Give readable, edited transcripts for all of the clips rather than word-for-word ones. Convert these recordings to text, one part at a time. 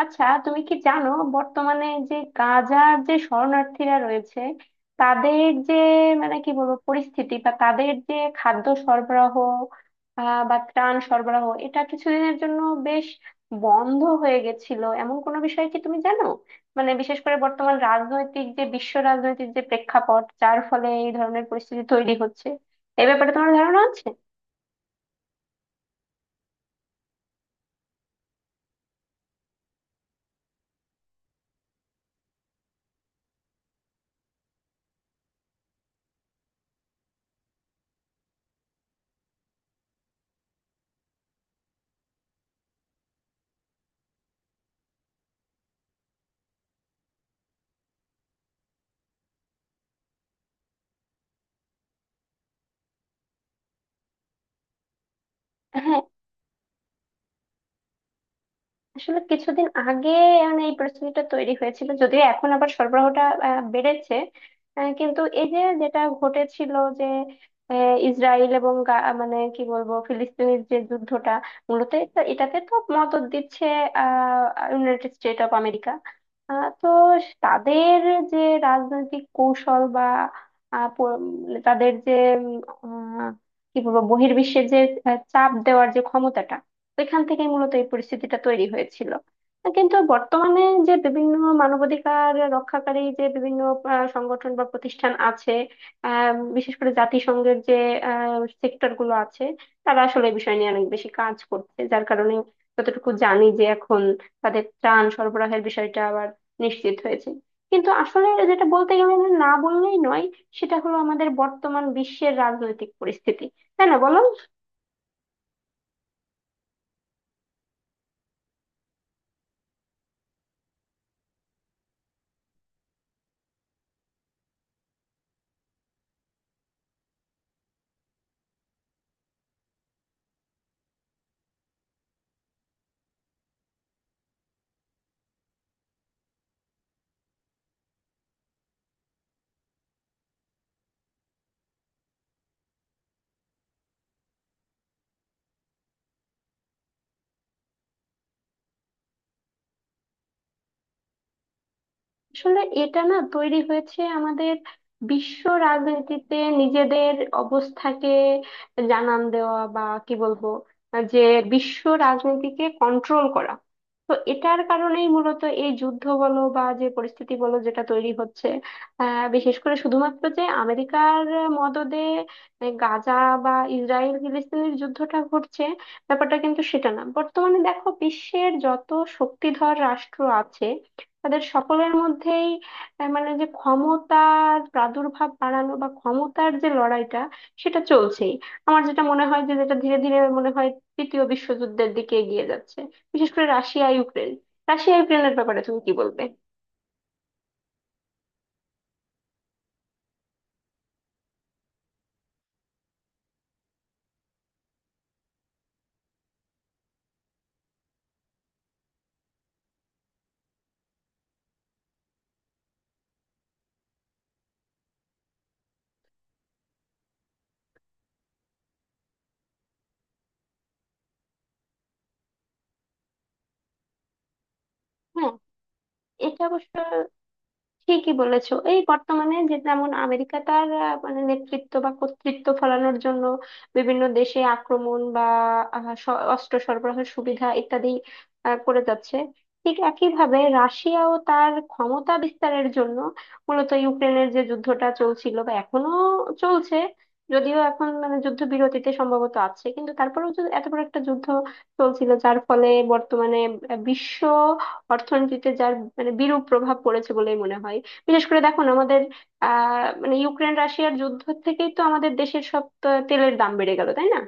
আচ্ছা তুমি কি জানো, বর্তমানে যে গাজার যে শরণার্থীরা রয়েছে তাদের যে মানে কি বলবো পরিস্থিতি বা তাদের যে খাদ্য সরবরাহ বা ত্রাণ সরবরাহ, এটা কিছুদিনের জন্য বেশ বন্ধ হয়ে গেছিল, এমন কোনো বিষয় কি তুমি জানো? মানে বিশেষ করে বর্তমান রাজনৈতিক যে বিশ্ব রাজনৈতিক যে প্রেক্ষাপট, যার ফলে এই ধরনের পরিস্থিতি তৈরি হচ্ছে, এ ব্যাপারে তোমার ধারণা আছে? হ্যাঁ, আসলে কিছুদিন আগে মানে এই পরিস্থিতিটা তৈরি হয়েছিল, যদিও এখন আবার সরবরাহটা বেড়েছে। কিন্তু এই যে যেটা ঘটেছিল যে ইসরায়েল এবং মানে কি বলবো ফিলিস্তিনের যে যুদ্ধটা, মূলত এটাতে তো মদদ দিচ্ছে আহ ইউনাইটেড স্টেট অফ আমেরিকা। তো তাদের যে রাজনৈতিক কৌশল বা আহ, প- তাদের যে উম, আহ, কি বলবো বহির্বিশ্বে যে চাপ দেওয়ার যে ক্ষমতাটা, তো এখান থেকেই মূলত এই পরিস্থিতিটা তৈরি হয়েছিল। কিন্তু বর্তমানে যে বিভিন্ন মানবাধিকার রক্ষাকারী যে বিভিন্ন সংগঠন বা প্রতিষ্ঠান আছে, বিশেষ করে জাতিসংঘের যে সেক্টর গুলো আছে, তারা আসলে এই বিষয় নিয়ে অনেক বেশি কাজ করছে, যার কারণে যতটুকু জানি যে এখন তাদের ত্রাণ সরবরাহের বিষয়টা আবার নিশ্চিত হয়েছে। কিন্তু আসলে যেটা বলতে গেলে না বললেই নয়, সেটা হলো আমাদের বর্তমান বিশ্বের রাজনৈতিক পরিস্থিতি, তাই না বলো? আসলে এটা না তৈরি হয়েছে আমাদের বিশ্ব রাজনীতিতে নিজেদের অবস্থাকে জানান দেওয়া বা কি বলবো যে বিশ্ব রাজনীতিকে কন্ট্রোল করা, তো এটার কারণেই মূলত এই যুদ্ধ বলো বা যে পরিস্থিতি বলো যেটা তৈরি হচ্ছে। বিশেষ করে শুধুমাত্র যে আমেরিকার মদদে গাজা বা ইসরায়েল ফিলিস্তিনের যুদ্ধটা ঘটছে ব্যাপারটা কিন্তু সেটা না। বর্তমানে দেখো বিশ্বের যত শক্তিধর রাষ্ট্র আছে তাদের সকলের মধ্যেই মানে যে ক্ষমতার প্রাদুর্ভাব বাড়ানো বা ক্ষমতার যে লড়াইটা সেটা চলছেই। আমার যেটা মনে হয় যে যেটা ধীরে ধীরে মনে হয় তৃতীয় বিশ্বযুদ্ধের দিকে এগিয়ে যাচ্ছে। বিশেষ করে রাশিয়া ইউক্রেন, রাশিয়া ইউক্রেনের ব্যাপারে তুমি কি বলবে? হ্যাঁ এটা অবশ্য ঠিকই বলেছো। এই বর্তমানে যে যেমন আমেরিকা তার মানে নেতৃত্ব বা কর্তৃত্ব ফলানোর জন্য বিভিন্ন দেশে আক্রমণ বা অস্ত্র সরবরাহের সুবিধা ইত্যাদি করে যাচ্ছে। ঠিক একইভাবে রাশিয়াও তার ক্ষমতা বিস্তারের জন্য মূলত ইউক্রেনের যে যুদ্ধটা চলছিল বা এখনো চলছে, যদিও এখন মানে যুদ্ধ বিরতিতে সম্ভবত আছে, কিন্তু তারপরেও যে এত বড় একটা যুদ্ধ চলছিল যার ফলে বর্তমানে বিশ্ব অর্থনীতিতে যার মানে বিরূপ প্রভাব পড়েছে বলেই মনে হয়। বিশেষ করে দেখুন আমাদের মানে ইউক্রেন রাশিয়ার যুদ্ধ থেকেই তো আমাদের দেশের সব তেলের দাম বেড়ে গেল, তাই না?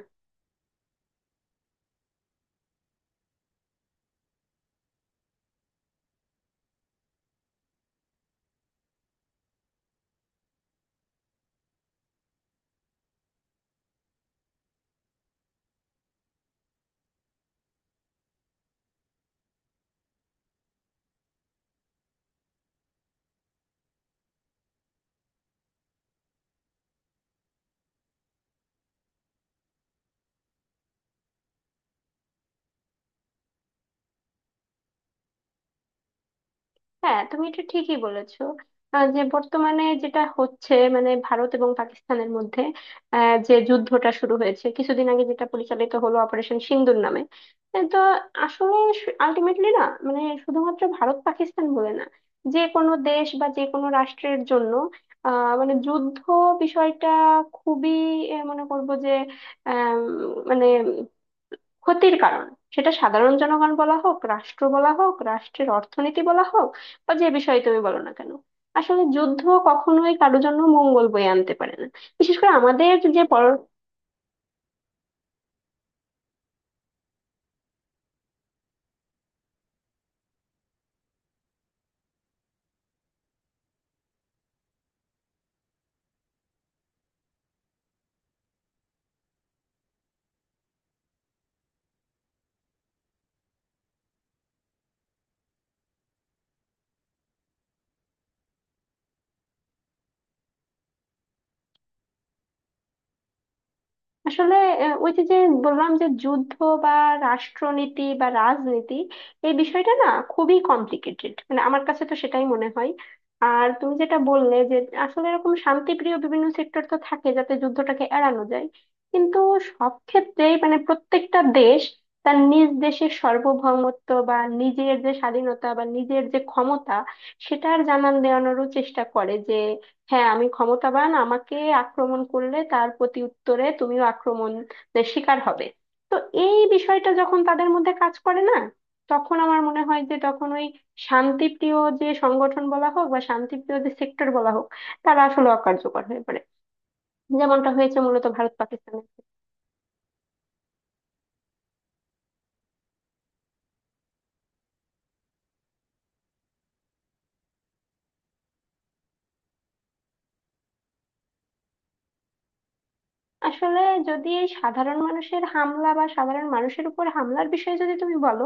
হ্যাঁ তুমি এটা ঠিকই বলেছো। যে বর্তমানে যেটা হচ্ছে মানে ভারত এবং পাকিস্তানের মধ্যে যে যুদ্ধটা শুরু হয়েছে কিছুদিন আগে, যেটা পরিচালিত হলো অপারেশন সিন্দুর নামে, এ তো আসলে আলটিমেটলি না মানে শুধুমাত্র ভারত পাকিস্তান বলে না, যে কোনো দেশ বা যে কোনো রাষ্ট্রের জন্য মানে যুদ্ধ বিষয়টা খুবই, মনে করবো যে আহ মানে ক্ষতির কারণ, সেটা সাধারণ জনগণ বলা হোক, রাষ্ট্র বলা হোক, রাষ্ট্রের অর্থনীতি বলা হোক, বা যে বিষয়ে তুমি বলো না কেন, আসলে যুদ্ধ কখনোই কারোর জন্য মঙ্গল বয়ে আনতে পারে না। বিশেষ করে আমাদের যে পর, আসলে ওই যে যে বললাম যে যুদ্ধ বা রাষ্ট্রনীতি বা রাজনীতি এই বিষয়টা না খুবই কমপ্লিকেটেড, মানে আমার কাছে তো সেটাই মনে হয়। আর তুমি যেটা বললে যে আসলে এরকম শান্তিপ্রিয় বিভিন্ন সেক্টর তো থাকে যাতে যুদ্ধটাকে এড়ানো যায়, কিন্তু সব ক্ষেত্রেই মানে প্রত্যেকটা দেশ তার নিজ দেশের সার্বভৌমত্ব বা নিজের যে স্বাধীনতা বা নিজের যে ক্ষমতা সেটার জানান দেওয়ানোরও চেষ্টা করে যে হ্যাঁ আমি ক্ষমতাবান, আমাকে আক্রমণ করলে তার প্রতি উত্তরে তুমিও আক্রমণের শিকার হবে। তো এই বিষয়টা যখন তাদের মধ্যে কাজ করে না, তখন আমার মনে হয় যে তখন ওই শান্তিপ্রিয় যে সংগঠন বলা হোক বা শান্তিপ্রিয় যে সেক্টর বলা হোক, তারা আসলে অকার্যকর হয়ে পড়ে, যেমনটা হয়েছে মূলত ভারত পাকিস্তানের। আসলে যদি এই সাধারণ মানুষের হামলা বা সাধারণ মানুষের উপর হামলার বিষয়ে যদি তুমি বলো,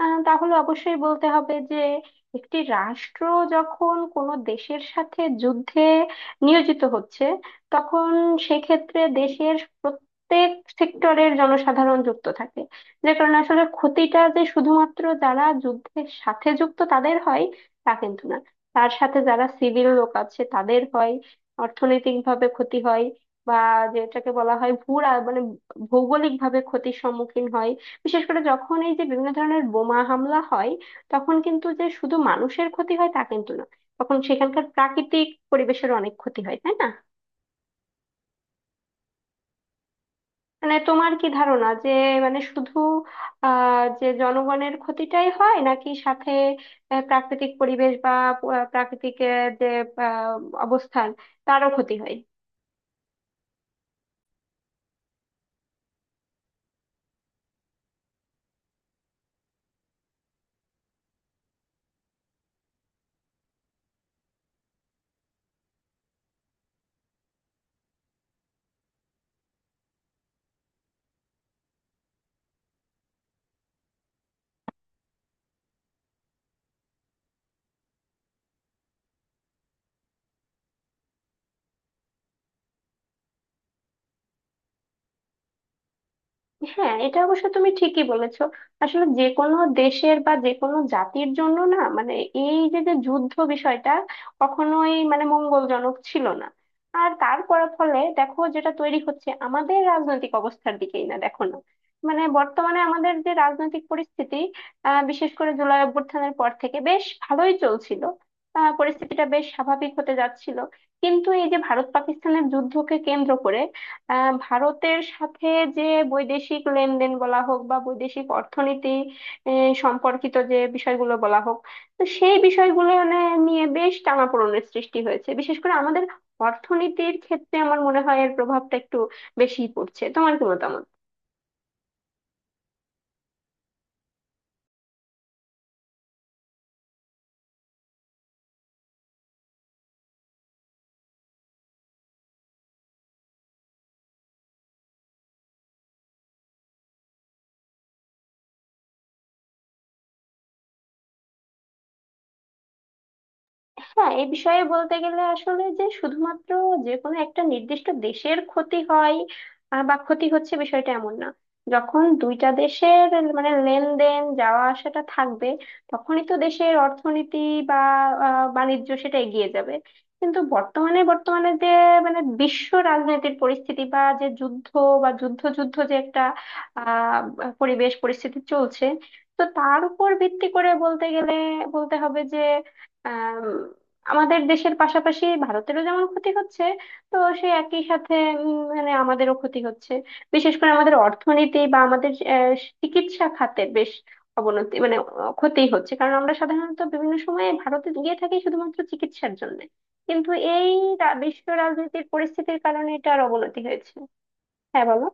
তাহলে অবশ্যই বলতে হবে যে একটি রাষ্ট্র যখন কোনো দেশের সাথে যুদ্ধে নিয়োজিত হচ্ছে, তখন সেক্ষেত্রে দেশের প্রত্যেক সেক্টরের জনসাধারণ যুক্ত থাকে। যে কারণে আসলে ক্ষতিটা যে শুধুমাত্র যারা যুদ্ধের সাথে যুক্ত তাদের হয় তা কিন্তু না, তার সাথে যারা সিভিল লোক আছে তাদের হয়, অর্থনৈতিকভাবে ক্ষতি হয়, বা যেটাকে বলা হয় ভূরা মানে ভৌগোলিক ভাবে ক্ষতির সম্মুখীন হয়। বিশেষ করে যখন এই যে বিভিন্ন ধরনের বোমা হামলা হয় তখন কিন্তু যে শুধু মানুষের ক্ষতি হয় তা কিন্তু না, তখন সেখানকার প্রাকৃতিক পরিবেশের অনেক ক্ষতি হয়, তাই না? মানে তোমার কি ধারণা যে মানে শুধু যে জনগণের ক্ষতিটাই হয় নাকি সাথে প্রাকৃতিক পরিবেশ বা প্রাকৃতিক যে আহ, অবস্থান তারও ক্ষতি হয়? হ্যাঁ এটা অবশ্য তুমি ঠিকই বলেছো। আসলে যে কোনো দেশের বা যে কোনো জাতির জন্য না মানে এই যে যে যুদ্ধ বিষয়টা কখনোই মানে মঙ্গলজনক ছিল না। আর তার ফলাফলে দেখো যেটা তৈরি হচ্ছে আমাদের রাজনৈতিক অবস্থার দিকেই না দেখো না, মানে বর্তমানে আমাদের যে রাজনৈতিক পরিস্থিতি, বিশেষ করে জুলাই অভ্যুত্থানের পর থেকে বেশ ভালোই চলছিল, পরিস্থিতিটা বেশ স্বাভাবিক হতে যাচ্ছিল, কিন্তু এই যে ভারত পাকিস্তানের যুদ্ধকে কেন্দ্র করে ভারতের সাথে যে বৈদেশিক লেনদেন বলা হোক বা বৈদেশিক অর্থনীতি সম্পর্কিত যে বিষয়গুলো বলা হোক, তো সেই বিষয়গুলো মানে নিয়ে বেশ টানাপোড়েনের সৃষ্টি হয়েছে। বিশেষ করে আমাদের অর্থনীতির ক্ষেত্রে আমার মনে হয় এর প্রভাবটা একটু বেশিই পড়ছে, তোমার কি মতামত? হ্যাঁ এই বিষয়ে বলতে গেলে আসলে যে শুধুমাত্র যে কোনো একটা নির্দিষ্ট দেশের ক্ষতি হয় বা ক্ষতি হচ্ছে বিষয়টা এমন না। যখন দুইটা দেশের মানে লেনদেন যাওয়া আসাটা থাকবে তখনই তো দেশের অর্থনীতি বা বাণিজ্য সেটা এগিয়ে যাবে। কিন্তু বর্তমানে বর্তমানে যে মানে বিশ্ব রাজনীতির পরিস্থিতি বা যে যুদ্ধ বা যুদ্ধ যুদ্ধ যে একটা আহ পরিবেশ পরিস্থিতি চলছে, তো তার উপর ভিত্তি করে বলতে গেলে বলতে হবে যে আমাদের দেশের পাশাপাশি ভারতেরও যেমন ক্ষতি হচ্ছে, তো সেই একই সাথে মানে আমাদেরও ক্ষতি হচ্ছে। বিশেষ করে আমাদের অর্থনীতি বা আমাদের চিকিৎসা খাতের বেশ অবনতি মানে ক্ষতি হচ্ছে, কারণ আমরা সাধারণত বিভিন্ন সময়ে ভারতে গিয়ে থাকি শুধুমাত্র চিকিৎসার জন্য, কিন্তু এই বিশ্ব রাজনীতির পরিস্থিতির কারণে এটার অবনতি হয়েছে। হ্যাঁ বলো।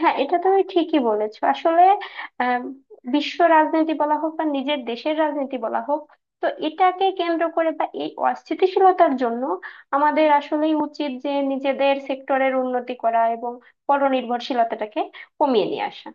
হ্যাঁ এটা তুমি ঠিকই বলেছো। আসলে আম, বিশ্ব রাজনীতি বলা হোক বা নিজের দেশের রাজনীতি বলা হোক, তো এটাকে কেন্দ্র করে বা এই অস্থিতিশীলতার জন্য আমাদের আসলেই উচিত যে নিজেদের সেক্টরের উন্নতি করা এবং পরনির্ভরশীলতাটাকে কমিয়ে নিয়ে আসা।